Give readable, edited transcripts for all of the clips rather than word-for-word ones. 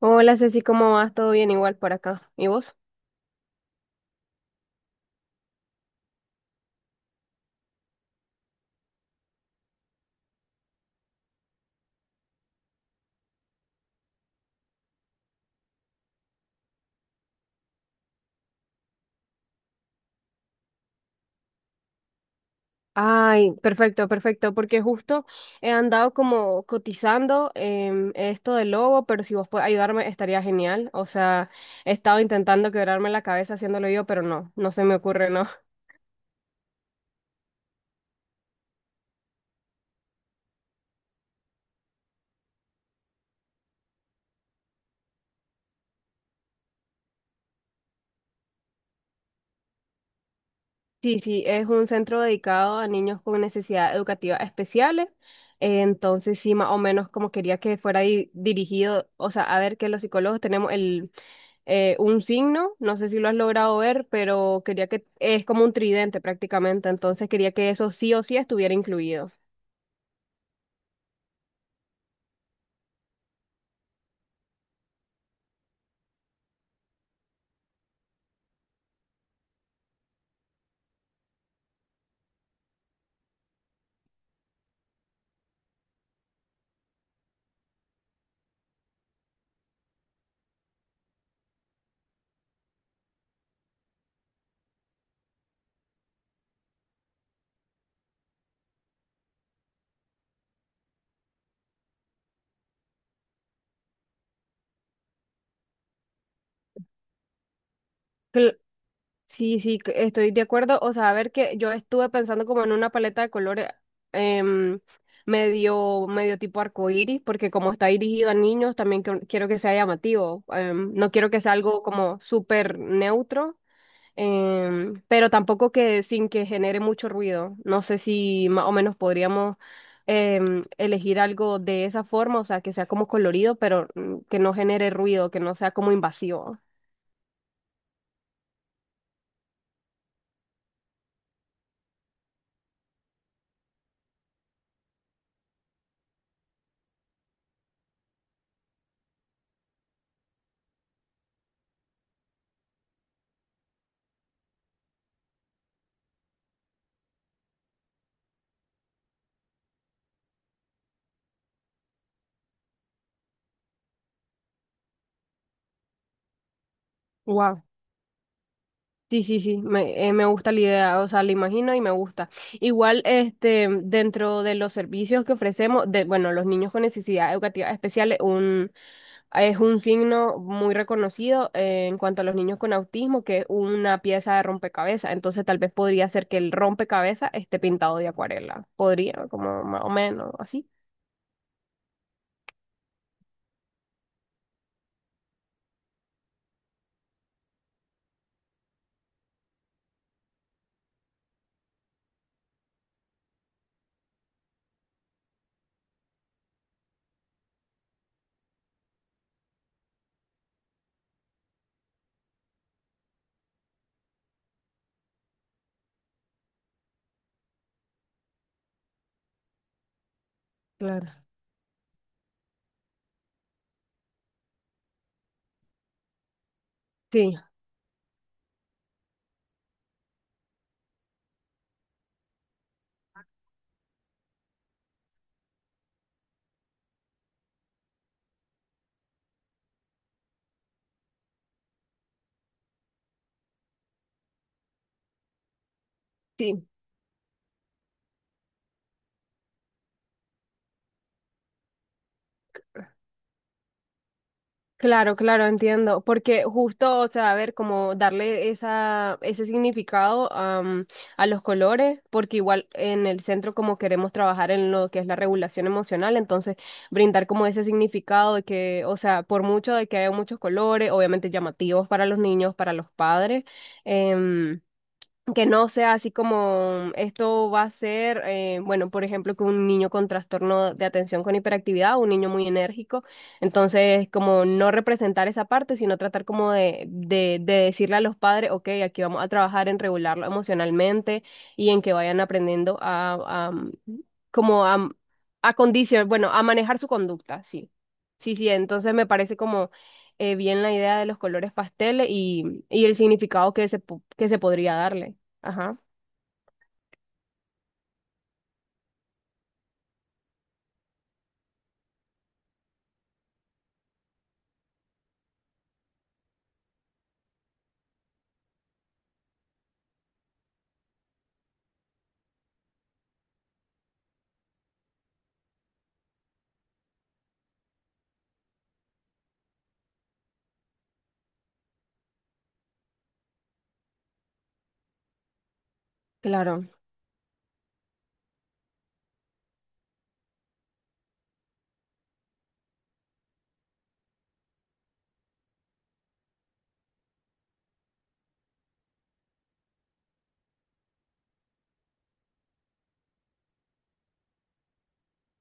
Hola Ceci, ¿cómo vas? ¿Todo bien igual por acá? ¿Y vos? Ay, perfecto, perfecto, porque justo he andado como cotizando esto del logo, pero si vos puedes ayudarme estaría genial. O sea, he estado intentando quebrarme la cabeza haciéndolo yo, pero no se me ocurre, ¿no? Sí, sí, es un centro dedicado a niños con necesidades educativas especiales. Entonces, sí, más o menos como quería que fuera dirigido, o sea, a ver que los psicólogos tenemos el un signo, no sé si lo has logrado ver, pero quería que es como un tridente prácticamente, entonces quería que eso sí o sí estuviera incluido. Cl- sí, sí, estoy de acuerdo. O sea, a ver que yo estuve pensando como en una paleta de colores em, medio tipo arcoíris, porque como está dirigido a niños, también quiero que sea llamativo. No quiero que sea algo como súper neutro, pero tampoco que sin que genere mucho ruido. No sé si más o menos podríamos elegir algo de esa forma, o sea, que sea como colorido, pero que no genere ruido, que no sea como invasivo. Wow. Sí, sí, sí, me gusta la idea, o sea, la imagino y me gusta. Igual, este, dentro de los servicios que ofrecemos, de, bueno, los niños con necesidades educativas especiales, es un signo muy reconocido en cuanto a los niños con autismo, que es una pieza de rompecabezas. Entonces, tal vez podría ser que el rompecabezas esté pintado de acuarela. Podría, como más o menos, así. Claro. Sí, sí. Claro, claro, entiendo, porque justo, o sea, a ver, como darle esa, ese significado a los colores, porque igual en el centro como queremos trabajar en lo que es la regulación emocional, entonces brindar como ese significado de que, o sea, por mucho de que haya muchos colores, obviamente llamativos para los niños, para los padres, em, que no sea así como esto va a ser, bueno, por ejemplo, que un niño con trastorno de atención con hiperactividad, un niño muy enérgico, entonces como no representar esa parte, sino tratar como de decirle a los padres, ok, aquí vamos a trabajar en regularlo emocionalmente y en que vayan aprendiendo como a, bueno, a manejar su conducta, sí. Sí, sí, entonces me parece como bien la idea de los colores pasteles y el significado que que se podría darle. Ajá, claro.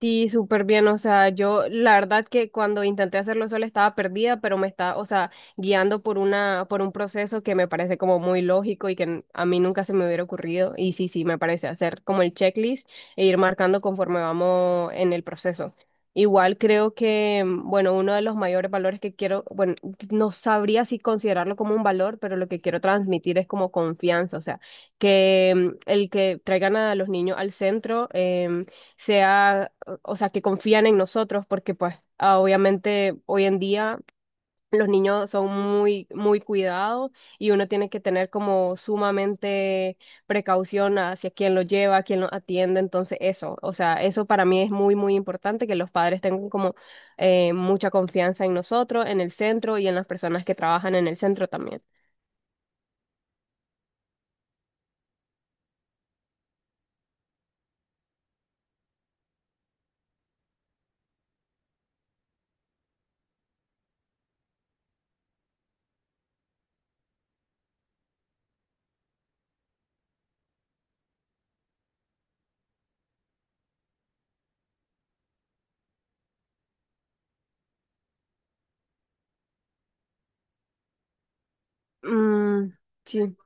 Sí, súper bien. O sea, yo la verdad que cuando intenté hacerlo sola estaba perdida, pero me está, o sea, guiando por una, por un proceso que me parece como muy lógico y que a mí nunca se me hubiera ocurrido. Y sí, sí, me parece hacer como el checklist e ir marcando conforme vamos en el proceso. Igual creo que, bueno, uno de los mayores valores que quiero, bueno, no sabría si considerarlo como un valor, pero lo que quiero transmitir es como confianza. O sea, que el que traigan a los niños al centro, sea, o sea, que confían en nosotros, porque pues obviamente hoy en día los niños son muy, muy cuidados y uno tiene que tener como sumamente precaución hacia quién los lleva, quién los atiende, entonces eso, o sea, eso para mí es muy, muy importante, que los padres tengan como mucha confianza en nosotros, en el centro y en las personas que trabajan en el centro también. Mm, sí.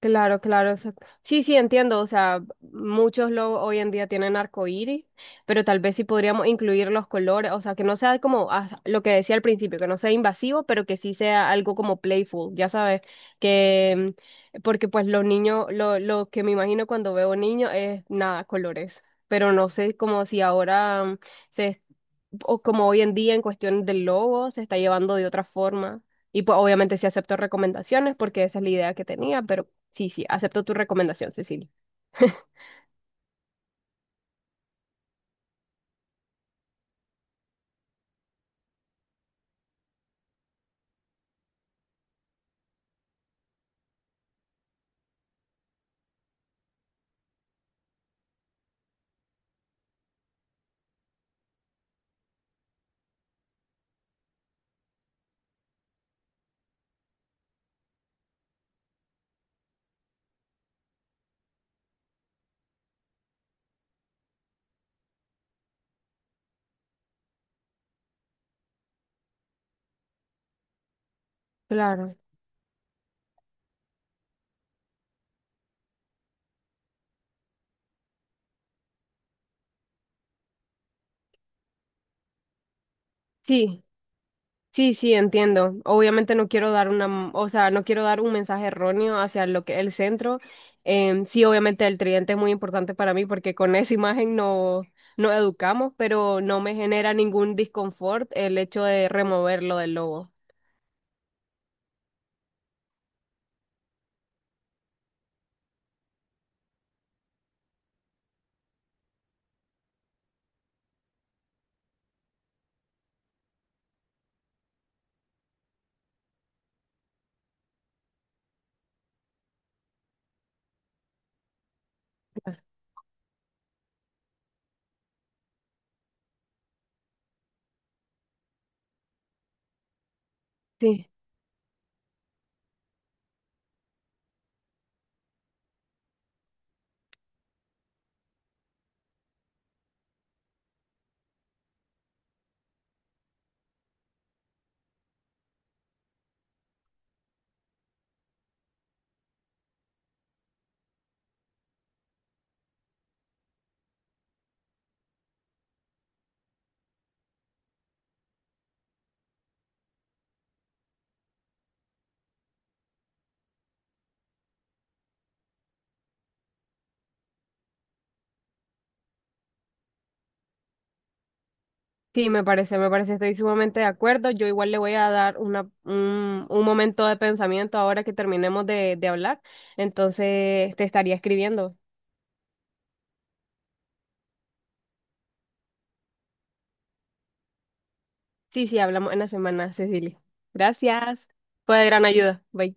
Claro, claro, exacto. Sí, sí, entiendo. O sea, muchos logos hoy en día tienen arcoíris, pero tal vez sí podríamos incluir los colores. O sea, que no sea como lo que decía al principio, que no sea invasivo, pero que sí sea algo como playful, ya sabes, que porque pues los niños, lo que me imagino cuando veo niños es nada, colores. Pero no sé como si ahora se es- o como hoy en día en cuestión del logo se está llevando de otra forma. Y pues obviamente sí acepto recomendaciones porque esa es la idea que tenía, pero sí, sí, acepto tu recomendación, Cecilia. Claro. Sí, sí, sí, entiendo. Obviamente no quiero dar una, o sea, no quiero dar un mensaje erróneo hacia lo que el centro. Sí, obviamente el tridente es muy importante para mí porque con esa imagen no, no educamos, pero no me genera ningún disconfort el hecho de removerlo del logo. Sí, sí, me parece, estoy sumamente de acuerdo. Yo igual le voy a dar una, un momento de pensamiento ahora que terminemos de hablar. Entonces te estaría escribiendo. Sí, sí, hablamos en la semana, Cecilia. Gracias. Fue de gran ayuda. Bye.